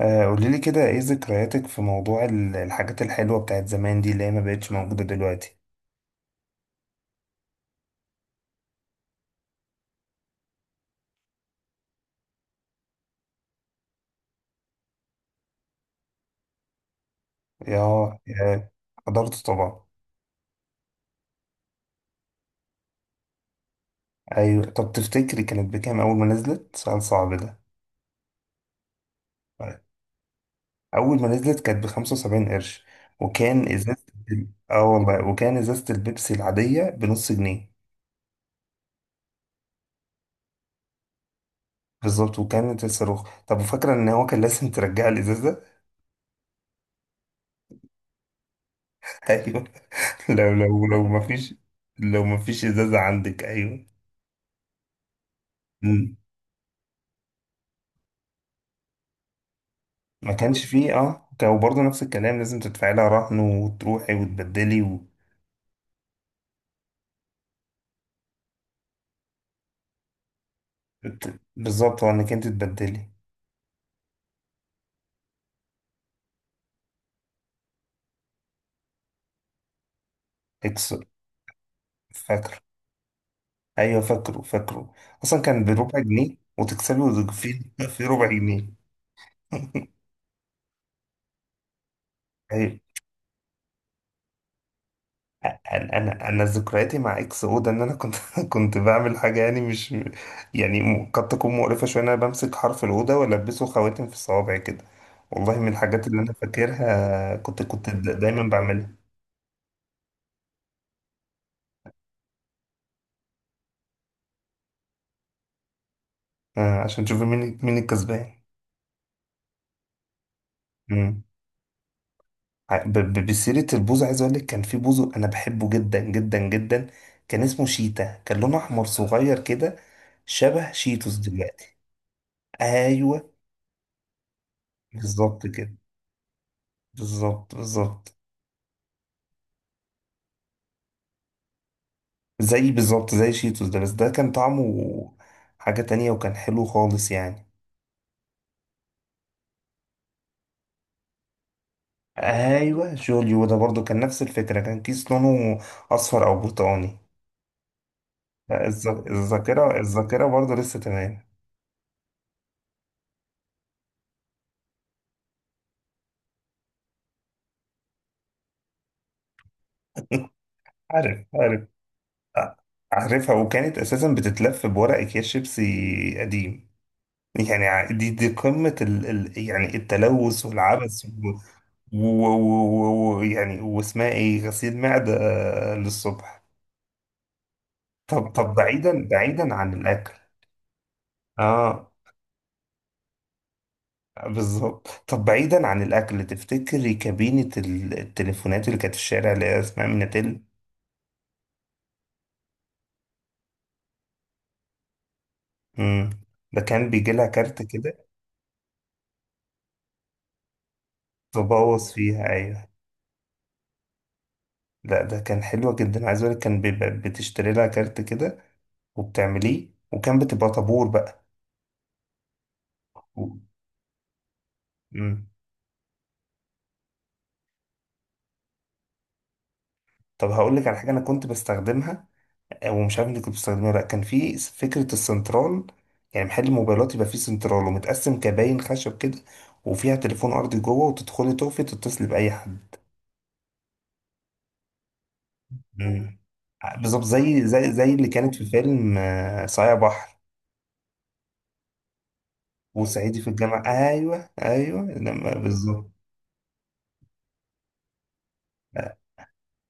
قولي لي كده ايه ذكرياتك في موضوع الحاجات الحلوة بتاعت زمان دي اللي هي ما بقتش موجودة دلوقتي. ياه ياه، حضرت طبعا. ايوه، طب تفتكري كانت بكام اول ما نزلت؟ سؤال صعب ده. طيب. اول ما نزلت كانت ب75 قرش، وكان ازازة والله، وكان ازازة البيبسي العادية بنص جنيه. بالظبط، وكانت الصاروخ. طب وفاكرة ان هو كان لازم ترجع الازازة؟ ايوه. لو ما فيش، لو ما فيش ازازة عندك. ايوه، ما كانش فيه. اه، كان برضه نفس الكلام، لازم تدفعي لها رهن وتروحي وتبدلي و... بالظبط، هو انك انت تبدلي. اكس، فاكره. ايوه، فاكره. اصلا كان بربع جنيه وتكسبي، وفي في ربع جنيه. ايوه. انا ذكرياتي مع اكس او ده، ان انا كنت كنت بعمل حاجه، يعني مش يعني قد تكون مقرفه شويه، ان انا بمسك حرف الاوضه والبسه خواتم في الصوابع كده. والله من الحاجات اللي انا فاكرها، كنت دايما بعملها. عشان تشوف مين مين الكسبان. مم. بسيرة البوز، عايز اقول لك كان في بوز انا بحبه جدا جدا جدا. كان اسمه شيتا، كان لونه احمر صغير كده، شبه شيتوس دلوقتي. ايوه بالظبط كده. بالظبط بالظبط. زي بالظبط زي شيتوس ده، بس ده كان طعمه حاجة تانية، وكان حلو خالص يعني. ايوه جوليو ده برضو كان نفس الفكرة، كان كيس لونه اصفر او برتقاني. لا، الذاكرة برضو لسه تمام. عارف عارف. عارفها، وكانت اساسا بتتلف بورق اكياس شيبسي قديم. يعني دي قمة ال يعني التلوث والعبث يعني واسمها ايه، غسيل معدة. للصبح. طب بعيدا عن الاكل. اه بالظبط. طب بعيدا عن الاكل، تفتكري كابينة التليفونات اللي كانت في الشارع، اللي هي اسمها ميناتيل؟ امم، ده كان بيجي لها كارت كده. تبوظ فيها، ايوه. لا، ده كان حلوة جدا، عايز اقولك كان بيبقى بتشتري لها كارت كده وبتعمليه، وكان بتبقى طابور بقى و... مم. طب هقول لك على حاجة انا كنت بستخدمها. ومش عارف انت كنت بتستخدمها ولا لا. كان في فكرة السنترال، يعني محل الموبايلات يبقى فيه سنترال ومتقسم كباين خشب كده، وفيها تليفون ارضي جوه، وتدخلي تقفي تتصلي بأي حد. مم. بالظبط زي اللي كانت في فيلم صايع بحر. وصعيدي في الجامعة، ايوه ايوه لما بالظبط. آه،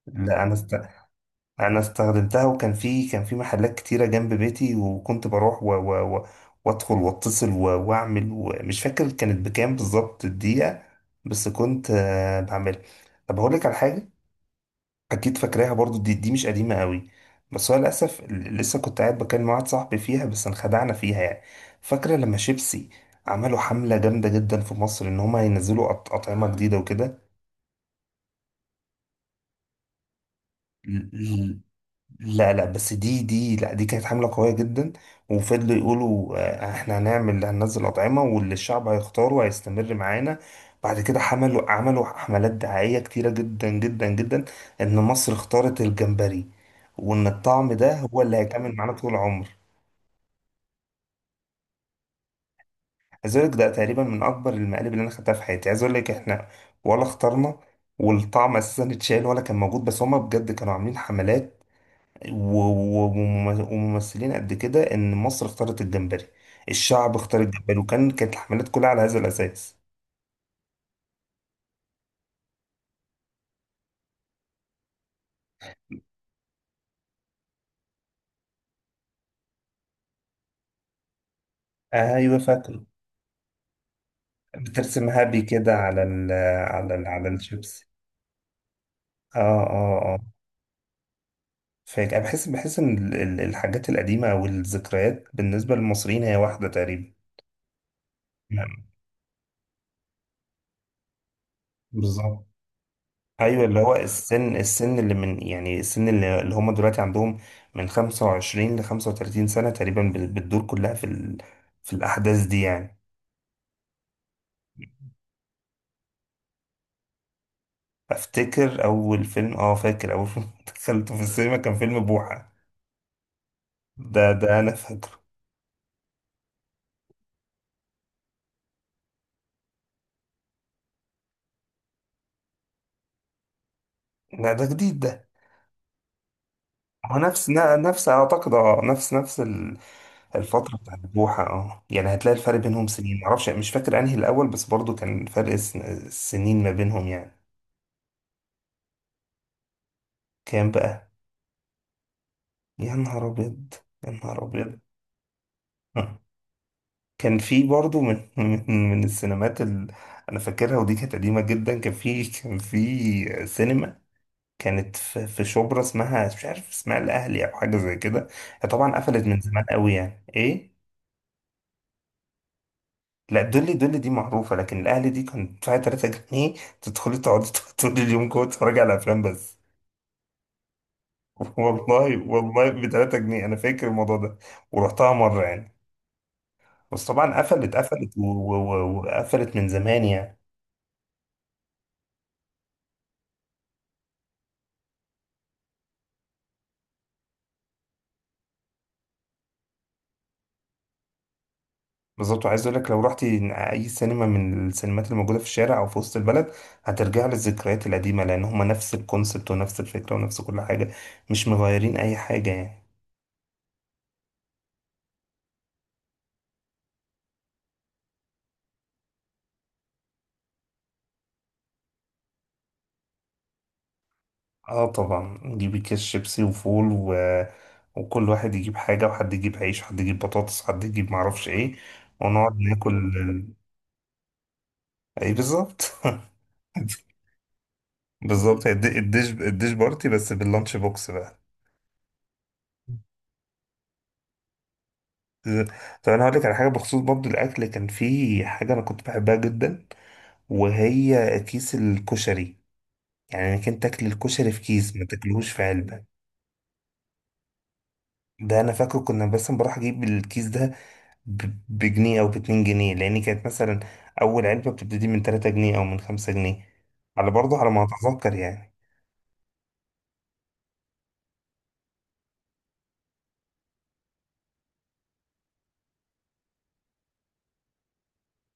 لا انا است... انا استخدمتها، وكان في كان في محلات كتيره جنب بيتي، وكنت بروح و وادخل واتصل واعمل، ومش فاكر كانت بكام بالظبط الدقيقه، بس كنت بعملها. طب هقول لك على حاجه، اكيد فاكراها برضو، دي مش قديمه قوي. بس هو للاسف لسه كنت قاعد بكلم واحد صاحبي فيها، بس انخدعنا فيها يعني. فاكره لما شيبسي عملوا حمله جامده جدا في مصر، ان هم ينزلوا اطعمه جديده وكده. لا لا، بس دي دي لا دي كانت حملة قوية جدا. وفضلوا يقولوا، احنا هنعمل هننزل أطعمة، واللي الشعب هيختاره هيستمر معانا. بعد كده عملوا حملات دعائية كتيرة جدا جدا جدا، إن مصر اختارت الجمبري، وإن الطعم ده هو اللي هيكمل معانا طول العمر. عايز أقول لك ده تقريبا من أكبر المقالب اللي أنا خدتها في حياتي. عايز أقول لك احنا ولا اخترنا، والطعم أساسا اتشال ولا كان موجود، بس هما بجد كانوا عاملين حملات و- و- ومم- وممثلين قد كده ان مصر اختارت الجمبري. الشعب اختار الجمبري، وكان كانت الحملات كلها على هذا الاساس. ايوه فاكره. بترسم هابي كده على ال، على ال، على الشيبس. اه اه اه. فاكر. أنا بحس ان الحاجات القديمه والذكريات بالنسبه للمصريين هي واحده تقريبا. نعم، بالظبط. ايوه اللي هو السن اللي من، يعني السن اللي, اللي هم دلوقتي عندهم من 25 ل 35 سنه تقريبا، بتدور كلها في ال... في الاحداث دي يعني. افتكر اول فيلم، اه فاكر اول فيلم دخلته في السينما، كان فيلم بوحه. ده ده انا فاكره. لا ده جديد ده. هو نفس نفس اعتقد، اه نفس نفس الفتره بتاعت بوحه. اه يعني هتلاقي الفرق بينهم سنين، معرفش مش فاكر انهي الاول، بس برضو كان فرق السنين ما بينهم يعني. كام بقى؟ يا نهار أبيض. يا نهار أبيض. كان في برضه من السينمات اللي أنا فاكرها، ودي كانت قديمة جدا. كان في كان في سينما كانت في في شبرا، اسمها مش عارف اسمها الأهلي أو حاجة زي كده. هي طبعا قفلت من زمان قوي يعني، إيه؟ لا دولي، دولي دي معروفة. لكن الأهلي دي كانت تدفعي 3 جنيه، تدخلي تقعدي طول اليوم جوه تتفرجي على أفلام بس. والله والله ب 3 جنيه، أنا فاكر الموضوع ده، ورحتها مرة يعني. بس طبعا قفلت قفلت وقفلت من زمان يعني. بالظبط. وعايز اقول لك، لو رحتي اي سينما من السينمات اللي موجوده في الشارع او في وسط البلد، هترجع للذكريات القديمه، لان هما نفس الكونسبت ونفس الفكره ونفس كل حاجه، مش مغيرين اي حاجه يعني. اه طبعا، نجيب كيس شيبسي وفول و... وكل واحد يجيب حاجه، وحد يجيب عيش وحد يجيب بطاطس وحد يجيب معرفش ايه، ونقعد ناكل. ايه بالظبط. بالظبط الديش بارتي بس باللانش بوكس بقى. طب انا هقول لك على حاجه بخصوص برضو الاكل. كان في حاجه انا كنت بحبها جدا، وهي كيس الكشري. يعني انك انت تاكل الكشري في كيس ما تاكلهوش في علبه. ده انا فاكر كنا، بس بروح اجيب الكيس ده بجنيه او باتنين جنيه، لان كانت مثلا اول علبه بتبتدي من 3 جنيه او من 5 جنيه على برضه على ما اتذكر يعني.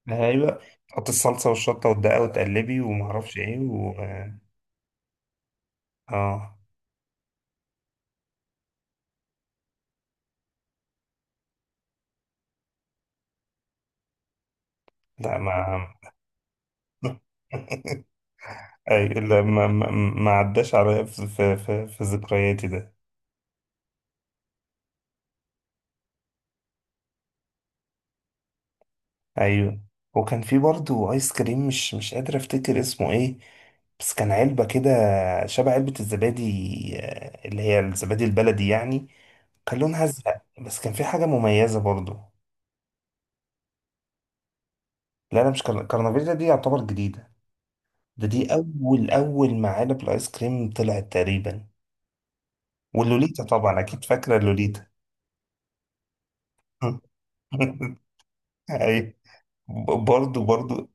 ايوه، تحط الصلصه والشطه والدقه وتقلبي وما اعرفش ايه و... اه لا ما اي لا ما عداش عليا في ذكرياتي ده. ايوه. وكان في برضه ايس كريم، مش مش قادر افتكر اسمه ايه، بس كان علبة كده شبه علبة الزبادي، اللي هي الزبادي البلدي يعني. كان لونها ازرق، بس كان في حاجة مميزة برضو. لا انا مش كرنفيلا دي يعتبر جديدة. ده دي اول، اول ما علب الايس كريم طلعت تقريبا. واللوليتا طبعا اكيد فاكرة اللوليتا. ايوه. برضو برضو.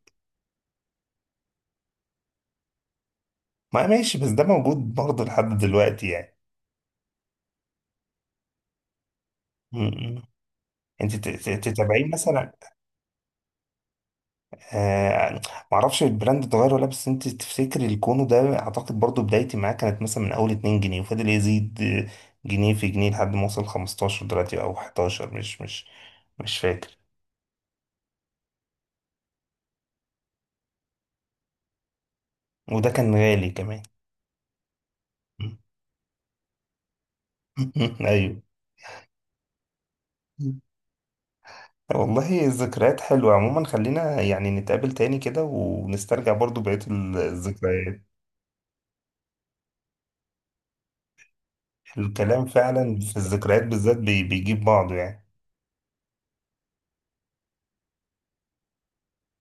ما ماشي، بس ده موجود برضه لحد دلوقتي يعني. م- م. انت تتابعين مثلا؟ آه. معرفش البراند اتغير ولا، بس انت تفتكري الكونو ده اعتقد برضه بدايتي معاه كانت مثلا من اول 2 جنيه، وفضل يزيد جنيه في جنيه لحد ما وصل 15 دلوقتي او 11، مش فاكر. وده كان غالي كمان. م- ايوه. م. والله الذكريات حلوة عموما، خلينا يعني نتقابل تاني كده ونسترجع برضو بقية الذكريات. الكلام فعلا في الذكريات بالذات بيجيب بعضه يعني.